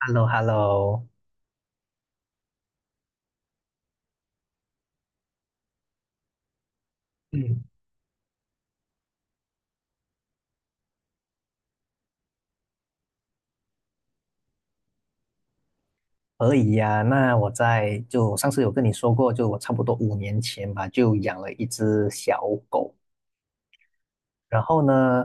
h e l l o h e l l o 嗯，可以呀。那就上次有跟你说过，就我差不多5年前吧，就养了一只小狗。然后呢，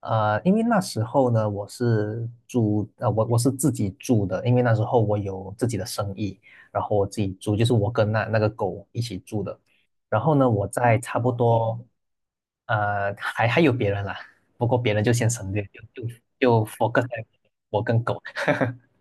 因为那时候呢，我是自己住的，因为那时候我有自己的生意，然后我自己住，就是我跟那个狗一起住的。然后呢，我在差不多，呃，还有别人啦，不过别人就先省略，就 focus 在我跟狗。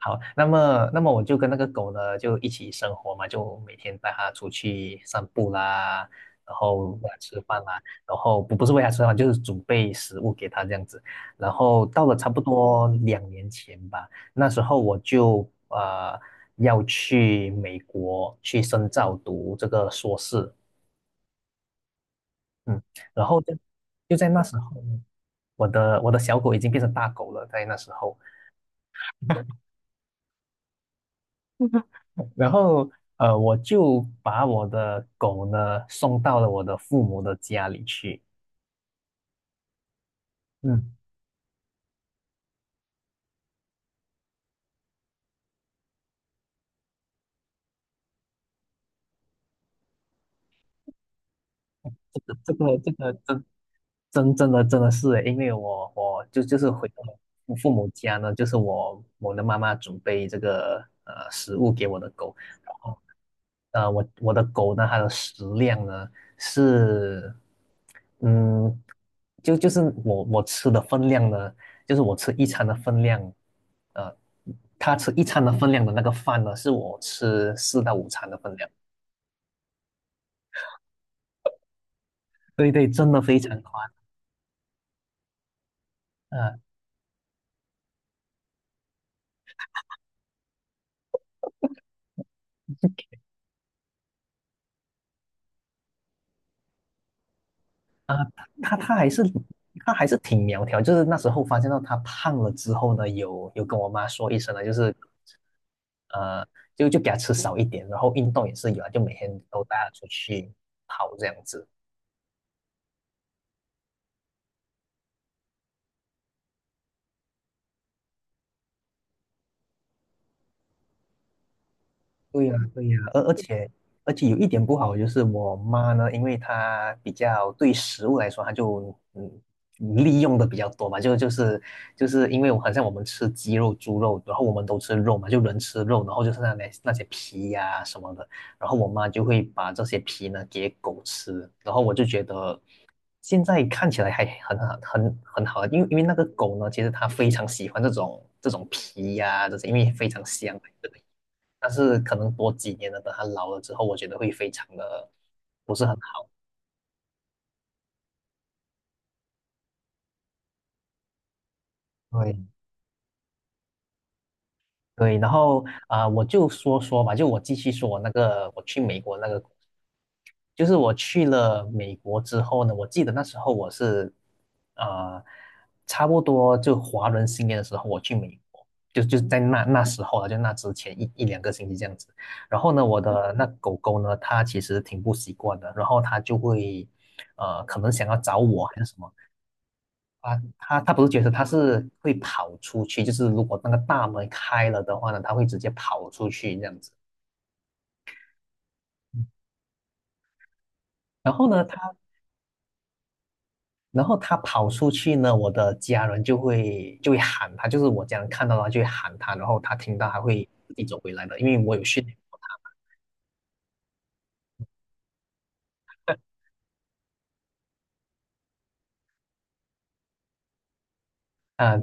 好，那么我就跟那个狗呢就一起生活嘛，就每天带它出去散步啦，然后喂它吃饭啦，然后不是喂它吃饭，就是准备食物给它这样子。然后到了差不多2年前吧，那时候我就要去美国去深造读这个硕士。嗯，然后就在那时候呢我的小狗已经变成大狗了，在那时候。然后我就把我的狗呢送到了我的父母的家里去。嗯。这个真的是诶，因为我就是回到我父母家呢，就是我的妈妈准备这个食物给我的狗。我的狗呢，它的食量呢是，嗯，就是我吃的分量呢，就是我吃一餐的分量。呃，它吃一餐的分量的那个饭呢，是我吃4到5餐的分量。对对，真的非常宽张。啊，他他还是他还是挺苗条，就是那时候发现到他胖了之后呢，有跟我妈说一声呢，就是呃，就给他吃少一点，然后运动也是有啊，就每天都带他出去跑这样子。对呀，对呀，而且有一点不好，就是我妈呢，因为她比较对食物来说，她就利用的比较多嘛，就是因为我好像我们吃鸡肉、猪肉，然后我们都吃肉嘛，就人吃肉，然后就是那些皮呀、什么的，然后我妈就会把这些皮呢给狗吃，然后我就觉得现在看起来还很好，很好，因为那个狗呢，其实它非常喜欢这种皮呀、这些，因为非常香。但是可能多几年了，等他老了之后，我觉得会非常的不是很好。对对，然后我就说说吧，就我继续说我那个我去美国那个，就是我去了美国之后呢，我记得那时候我是啊呃差不多就华人新年的时候我去美国。就在那时候啊，就那之前一两个星期这样子。然后呢，我的那狗狗呢，它其实挺不习惯的，然后它就会，可能想要找我还是什么。啊，他不是绝食，他是会跑出去，就是如果那个大门开了的话呢，他会直接跑出去这样子。然后呢，然后他跑出去呢，我的家人就会喊他，就是我家人看到他就会喊他，然后他听到他会自己走回来的，因为我有训练啊。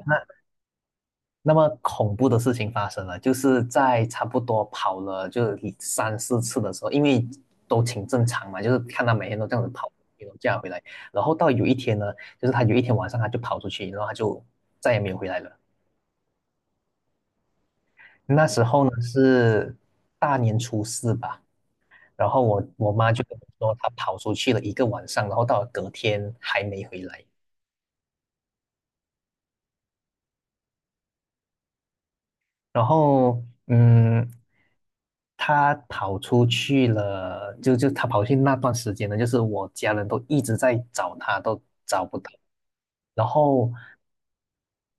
那么恐怖的事情发生了，就是在差不多跑了就三四次的时候，因为都挺正常嘛，就是看他每天都这样子跑，运这样回来，然后到有一天呢，就是他有一天晚上他就跑出去，然后他就再也没有回来了。那时候呢是大年初4吧。然后我妈就跟我说，她跑出去了一个晚上，然后到了隔天还没回来。然后他跑出去了，就他跑去那段时间呢，就是我家人都一直在找他，都找不到。然后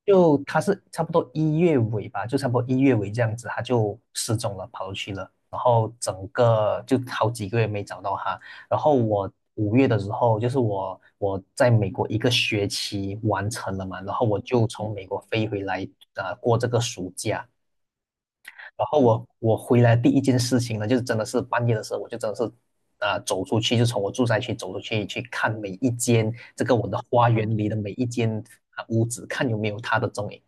就他是差不多一月尾吧，就差不多一月尾这样子，他就失踪了，跑出去了。然后整个就好几个月没找到他。然后我五月的时候，就是我在美国一个学期完成了嘛，然后我就从美国飞回来，过这个暑假。然后我回来第一件事情呢，就是真的是半夜的时候，我就真的是走出去，就从我住宅区走出去去看每一间这个我的花园里的每一间屋子，看有没有他的踪影。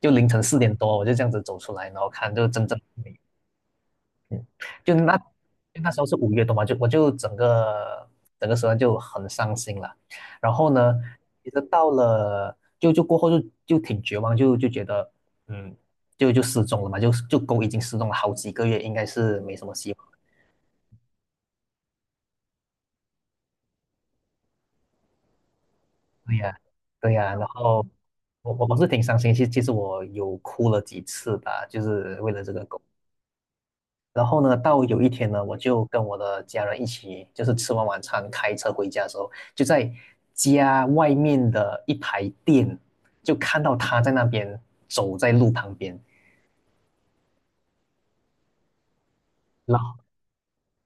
就凌晨4点多，我就这样子走出来，然后看就真正。嗯，就那就那时候是5月多嘛，就我就整个时段就很伤心了。然后呢，其实到了过后挺绝望，就觉得嗯，就失踪了嘛，就狗已经失踪了好几个月，应该是没什么希望。对呀，对呀。然后我是挺伤心，其实我有哭了几次吧，就是为了这个狗。然后呢，到有一天呢，我就跟我的家人一起，就是吃完晚餐开车回家的时候，就在家外面的一排店，就看到他在那边走在路旁边。然后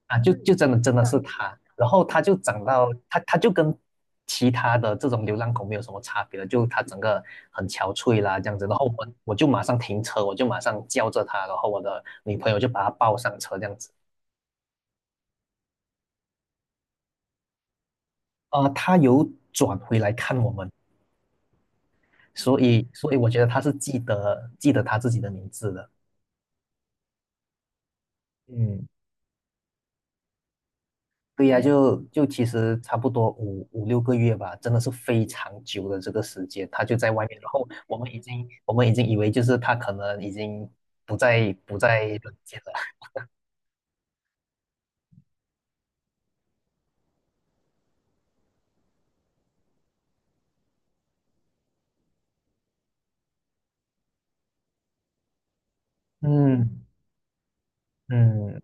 就就真的真的是他，然后他就跟其他的这种流浪狗没有什么差别了，就他整个很憔悴啦这样子，然后我就马上停车，我就马上叫着他，然后我的女朋友就把他抱上车这样子。他有转回来看我们。所以我觉得他是记得记得他自己的名字的。嗯，对呀，就其实差不多五六个月吧，真的是非常久的这个时间，他就在外面，然后我们已经以为就是他可能已经不在人间了。嗯嗯，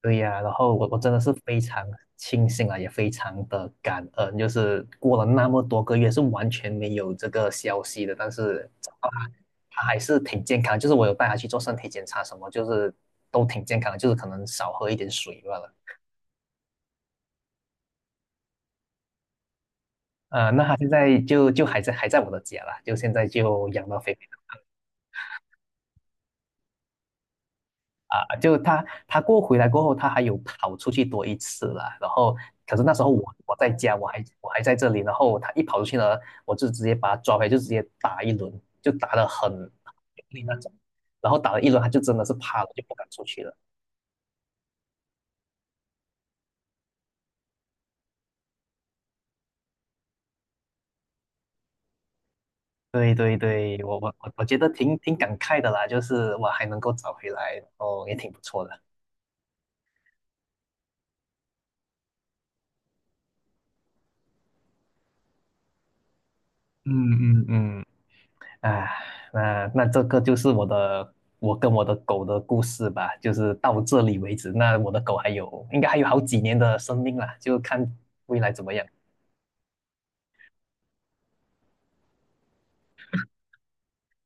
对呀，然后我真的是非常庆幸啊，也非常的感恩，就是过了那么多个月是完全没有这个消息的，但是啊，他还是挺健康，就是我有带他去做身体检查什么，就是都挺健康的，就是可能少喝一点水罢了。那他现在就还在我的家啦，就现在就养到肥肥啊。就他过回来过后，他还有跑出去多一次啦。然后，可是那时候我在家，我还在这里。然后他一跑出去呢，我就直接把他抓回来，就直接打一轮，就打的很用力那种。然后打了一轮，他就真的是怕了，就不敢出去了。对对对，我觉得挺感慨的啦，就是我还能够找回来，然后也挺不错的。嗯嗯嗯。啊，那这个就是我的，我跟我的狗的故事吧，就是到这里为止。那我的狗还有，应该还有好几年的生命了，就看未来怎么样。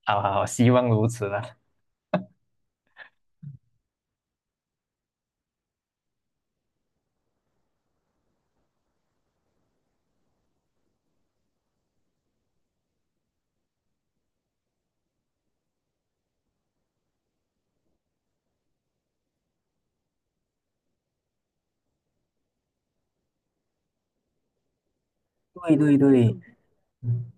好好好，希望如此啦。对对对，嗯，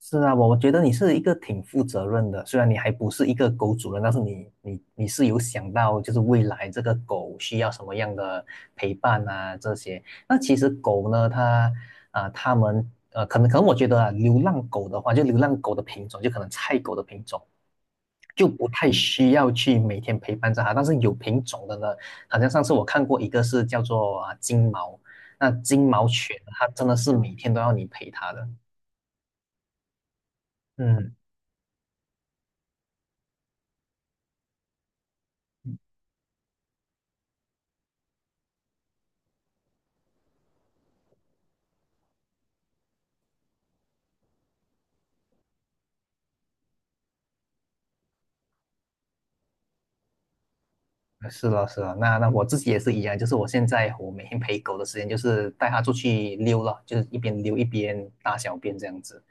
是啊，我觉得你是一个挺负责任的，虽然你还不是一个狗主人，但是你是有想到就是未来这个狗需要什么样的陪伴啊这些。那其实狗呢，它们可能我觉得啊，流浪狗的话，就流浪狗的品种，就可能菜狗的品种，就不太需要去每天陪伴着它。但是有品种的呢，好像上次我看过一个是叫做金毛，那金毛犬，它真的是每天都要你陪它的。嗯，是了，是了。那我自己也是一样，就是我现在我每天陪狗的时间就是带它出去溜了，就是一边溜一边大小便这样子。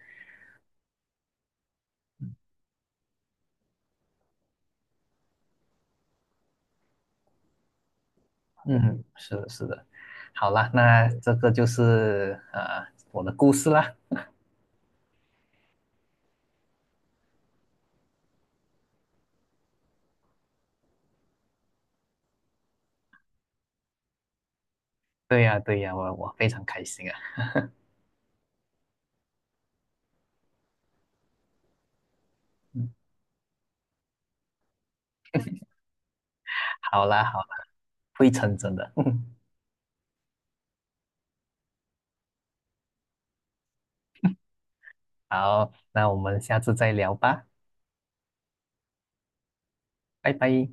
嗯，是的，是的。好啦，那这个就是我的故事啦。对呀，对呀，我非常开心啊。嗯，好啦，好啦，会成真的。好，那我们下次再聊吧，拜拜。